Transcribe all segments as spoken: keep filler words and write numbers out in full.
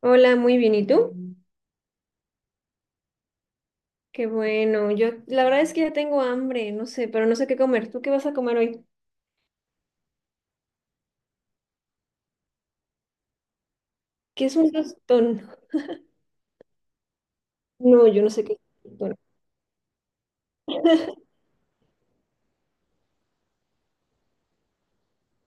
Hola, muy bien. ¿Y tú? Qué bueno. Yo, la verdad es que ya tengo hambre, no sé, pero no sé qué comer. ¿Tú qué vas a comer hoy? ¿Qué es un tostón? No, yo no sé qué es un tostón.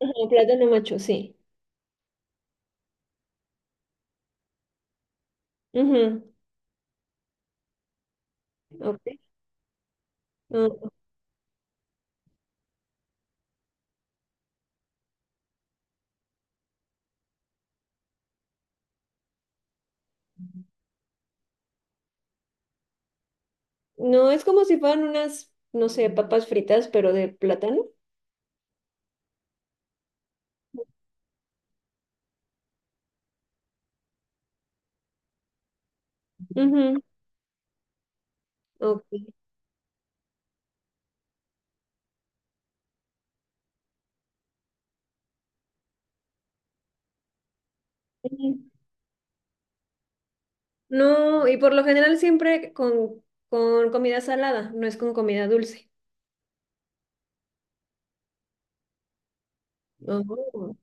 Ajá, plátano macho, sí. Ujú, ok. No, no, es como si fueran unas, no sé, papas fritas, pero de plátano. Ujú, ok. Ujú. No, y por lo general siempre con, con comida salada, no es con comida dulce. Ujú.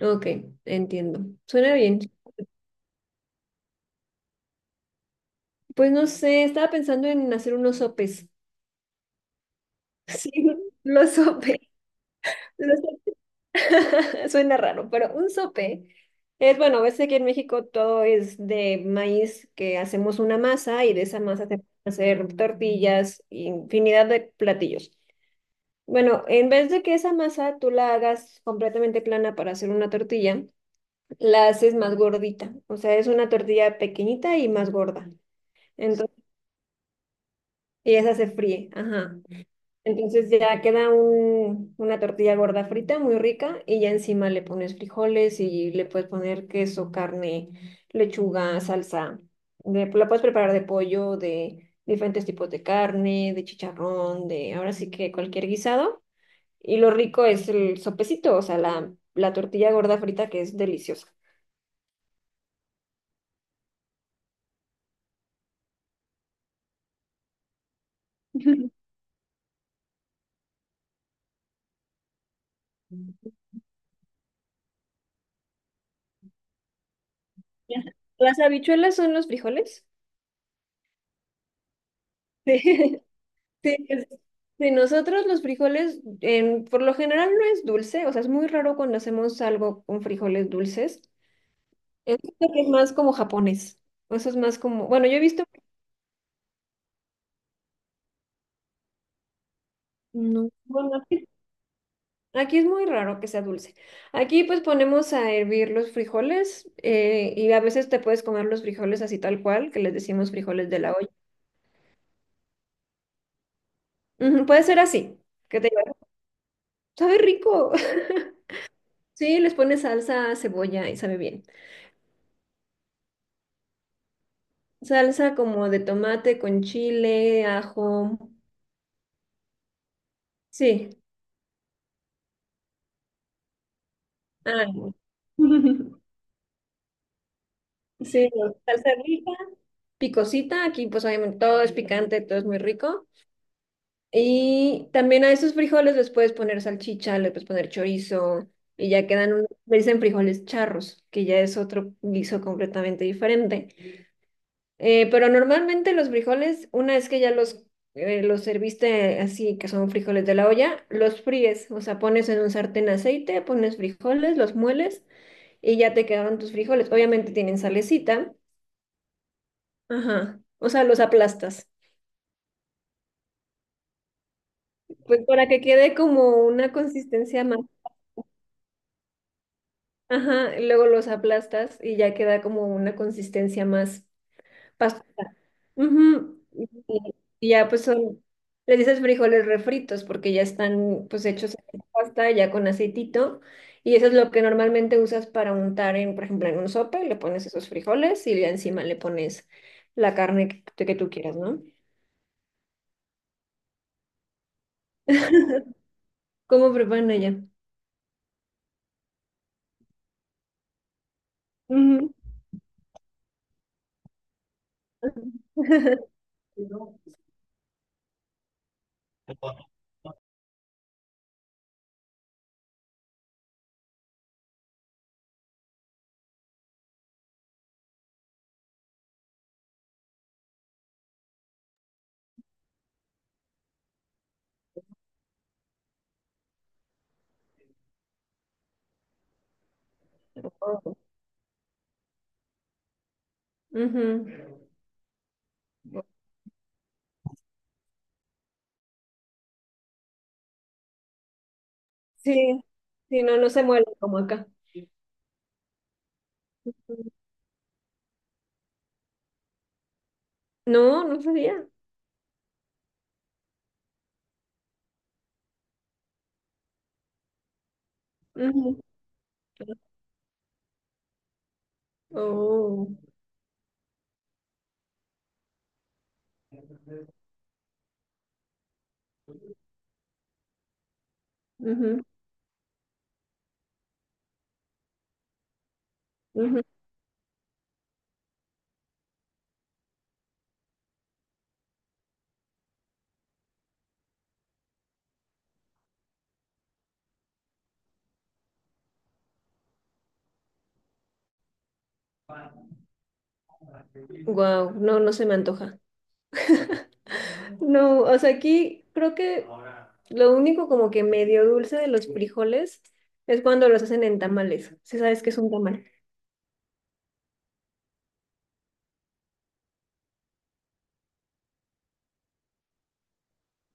Ok, entiendo. Suena bien. Pues no sé, estaba pensando en hacer unos sopes. Sí, los sopes. Los- Suena raro, pero un sope es, bueno, ves que aquí en México todo es de maíz, que hacemos una masa y de esa masa se pueden hacer tortillas, infinidad de platillos. Bueno, en vez de que esa masa tú la hagas completamente plana para hacer una tortilla, la haces más gordita. O sea, es una tortilla pequeñita y más gorda. Entonces, y esa se fríe, ajá. Entonces ya queda un- una tortilla gorda frita, muy rica, y ya encima le pones frijoles y le puedes poner queso, carne, lechuga, salsa. De- la puedes preparar de pollo, de diferentes tipos de carne, de chicharrón, de ahora sí que cualquier guisado. Y lo rico es el sopecito, o sea, la, la tortilla gorda frita que es deliciosa. Las habichuelas son los frijoles. Sí. Sí, es- sí, nosotros los frijoles, en- por lo general no es dulce, o sea, es muy raro cuando hacemos algo con frijoles dulces. Es que es más como japonés. Eso es más como, bueno, yo he visto, no, bueno, aquí, aquí es muy raro que sea dulce. Aquí pues ponemos a hervir los frijoles eh, y a veces te puedes comer los frijoles así tal cual, que les decimos frijoles de la olla. Ujú, puede ser así, que te sabe rico. Sí, les pones salsa, cebolla y sabe bien. Salsa como de tomate con chile, ajo. Sí. Ah, sí, salsa rica, picosita. Aquí pues obviamente todo es picante, todo es muy rico. Y también a esos frijoles les puedes poner salchicha, le puedes poner chorizo y ya quedan, un- le dicen frijoles charros, que ya es otro guiso completamente diferente. Eh, pero normalmente los frijoles, una vez que ya los, eh, los serviste así, que son frijoles de la olla, los fríes, o sea, pones en un sartén aceite, pones frijoles, los mueles y ya te quedaron tus frijoles. Obviamente tienen salecita, ajá, o sea, los aplastas, pues para que quede como una consistencia más, ajá, y luego los aplastas y ya queda como una consistencia más pastosa. Ujú. Y y ya pues son, le dices frijoles refritos porque ya están pues hechos en pasta, ya con aceitito. Y eso es lo que normalmente usas para untar en, por ejemplo, en un sope, le pones esos frijoles y ya encima le pones la carne que, que tú quieras, ¿no? ¿Cómo preparan allá? Ujú. Oh. Ujú. Sí, sí, no, no se muele como acá. No, no sabía. Ujú. Oh. Ujú, ujú. Wow, no, no se me antoja. No, o sea, aquí creo que lo único como que medio dulce de los frijoles es cuando los hacen en tamales. Si sabes que es un tamal.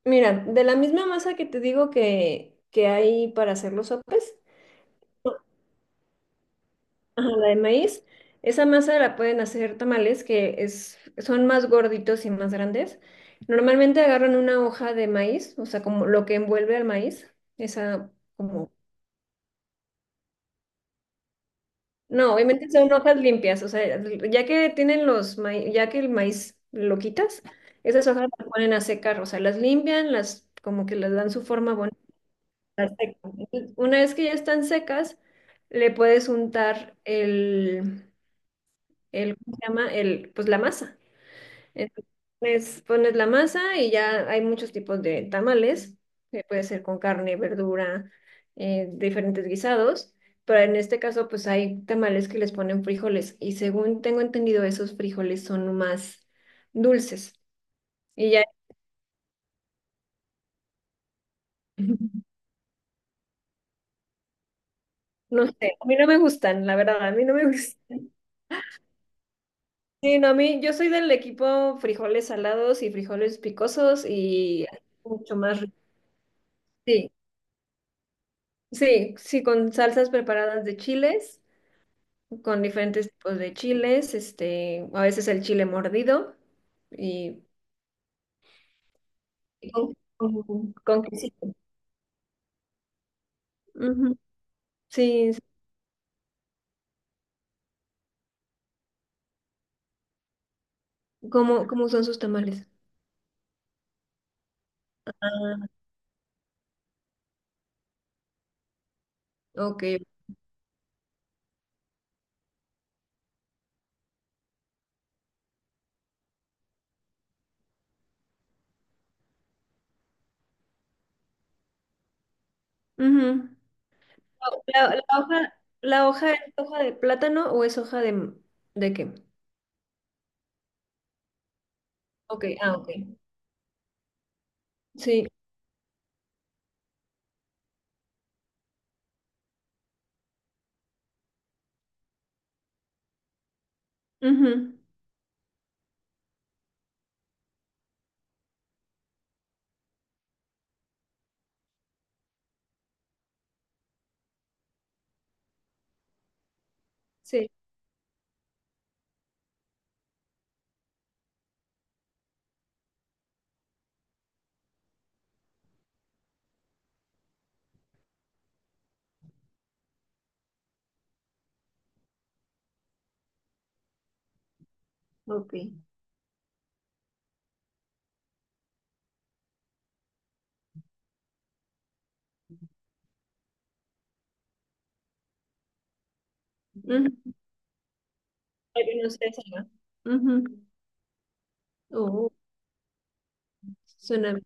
Mira, de la misma masa que te digo que, que hay para hacer los sopes, ajá, la de maíz, esa masa la pueden hacer tamales que es, son más gorditos y más grandes. Normalmente agarran una hoja de maíz, o sea, como lo que envuelve al maíz, esa como No, obviamente son hojas limpias, o sea, ya que tienen los maíz, ya que el maíz lo quitas, esas hojas las ponen a secar, o sea, las limpian, las como que les dan su forma bonita, las secan. Entonces, una vez que ya están secas, le puedes untar el, el, ¿cómo se llama? El, pues la masa. Entonces, pones, pones la masa y ya hay muchos tipos de tamales, que puede ser con carne, verdura, eh, diferentes guisados, pero en este caso pues hay tamales que les ponen frijoles y según tengo entendido esos frijoles son más dulces y ya no sé, a mí no me gustan, la verdad, a mí no me gustan. Sí, no, a mí yo soy del equipo frijoles salados y frijoles picosos y mucho más rico. Sí, sí, sí, con salsas preparadas de chiles. Con diferentes tipos de chiles, este, a veces el chile mordido y y con, con- con quesito. Ujú. Sí, sí. ¿Cómo, cómo son sus tamales? Ah, ok. Ujú. La, la hoja, la hoja es hoja de plátano o es hoja de, ¿de qué? Ok, ah, ok. Sí. Ujú. Sí. Ok. Ujú. Ay, no sé, esa no. Ujú. Oh, suena.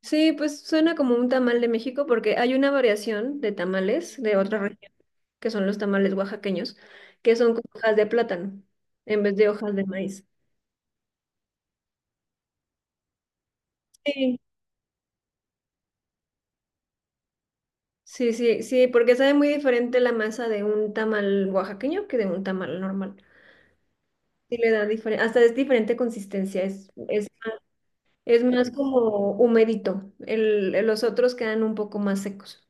Sí, pues suena como un tamal de México porque hay una variación de tamales de otra región, que son los tamales oaxaqueños, que son con hojas de plátano en vez de hojas de maíz. Sí, sí, sí, sí, porque sabe muy diferente la masa de un tamal oaxaqueño que de un tamal normal. Sí le da diferente, hasta es diferente consistencia, es, es, es más como humedito. El, los otros quedan un poco más secos.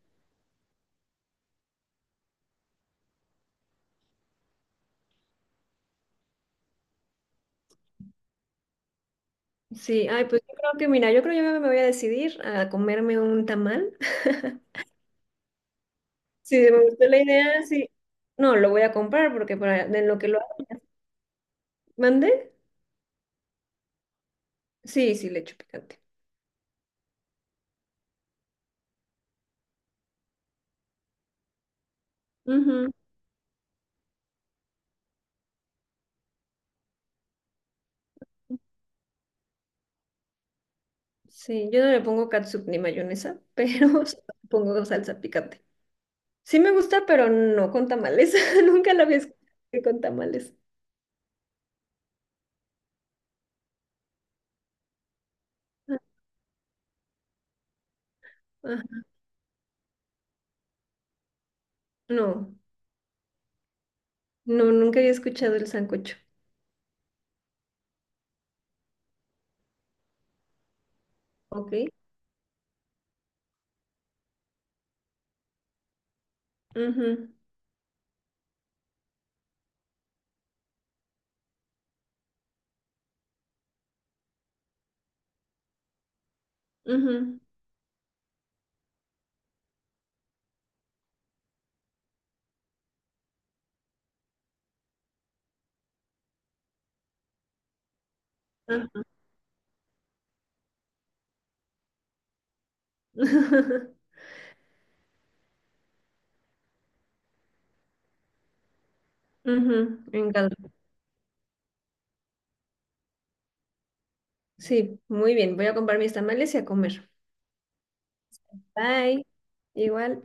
Sí, ay, pues yo creo que, mira, yo creo que yo me voy a decidir a comerme un tamal. Si me gustó la idea, sí. No, lo voy a comprar porque para en lo que lo mandé, sí, sí le echo picante. Ujú. Sí, yo no le pongo catsup ni mayonesa, pero sí pongo salsa picante. Sí me gusta, pero no con tamales. Nunca la había escuchado con tamales. Ah, no, no, nunca había escuchado el sancocho. Ok. Ujú, ujú, ah. Ujú, en caldo. Sí, muy bien. Voy a comprar mis tamales y a comer. Bye. Igual.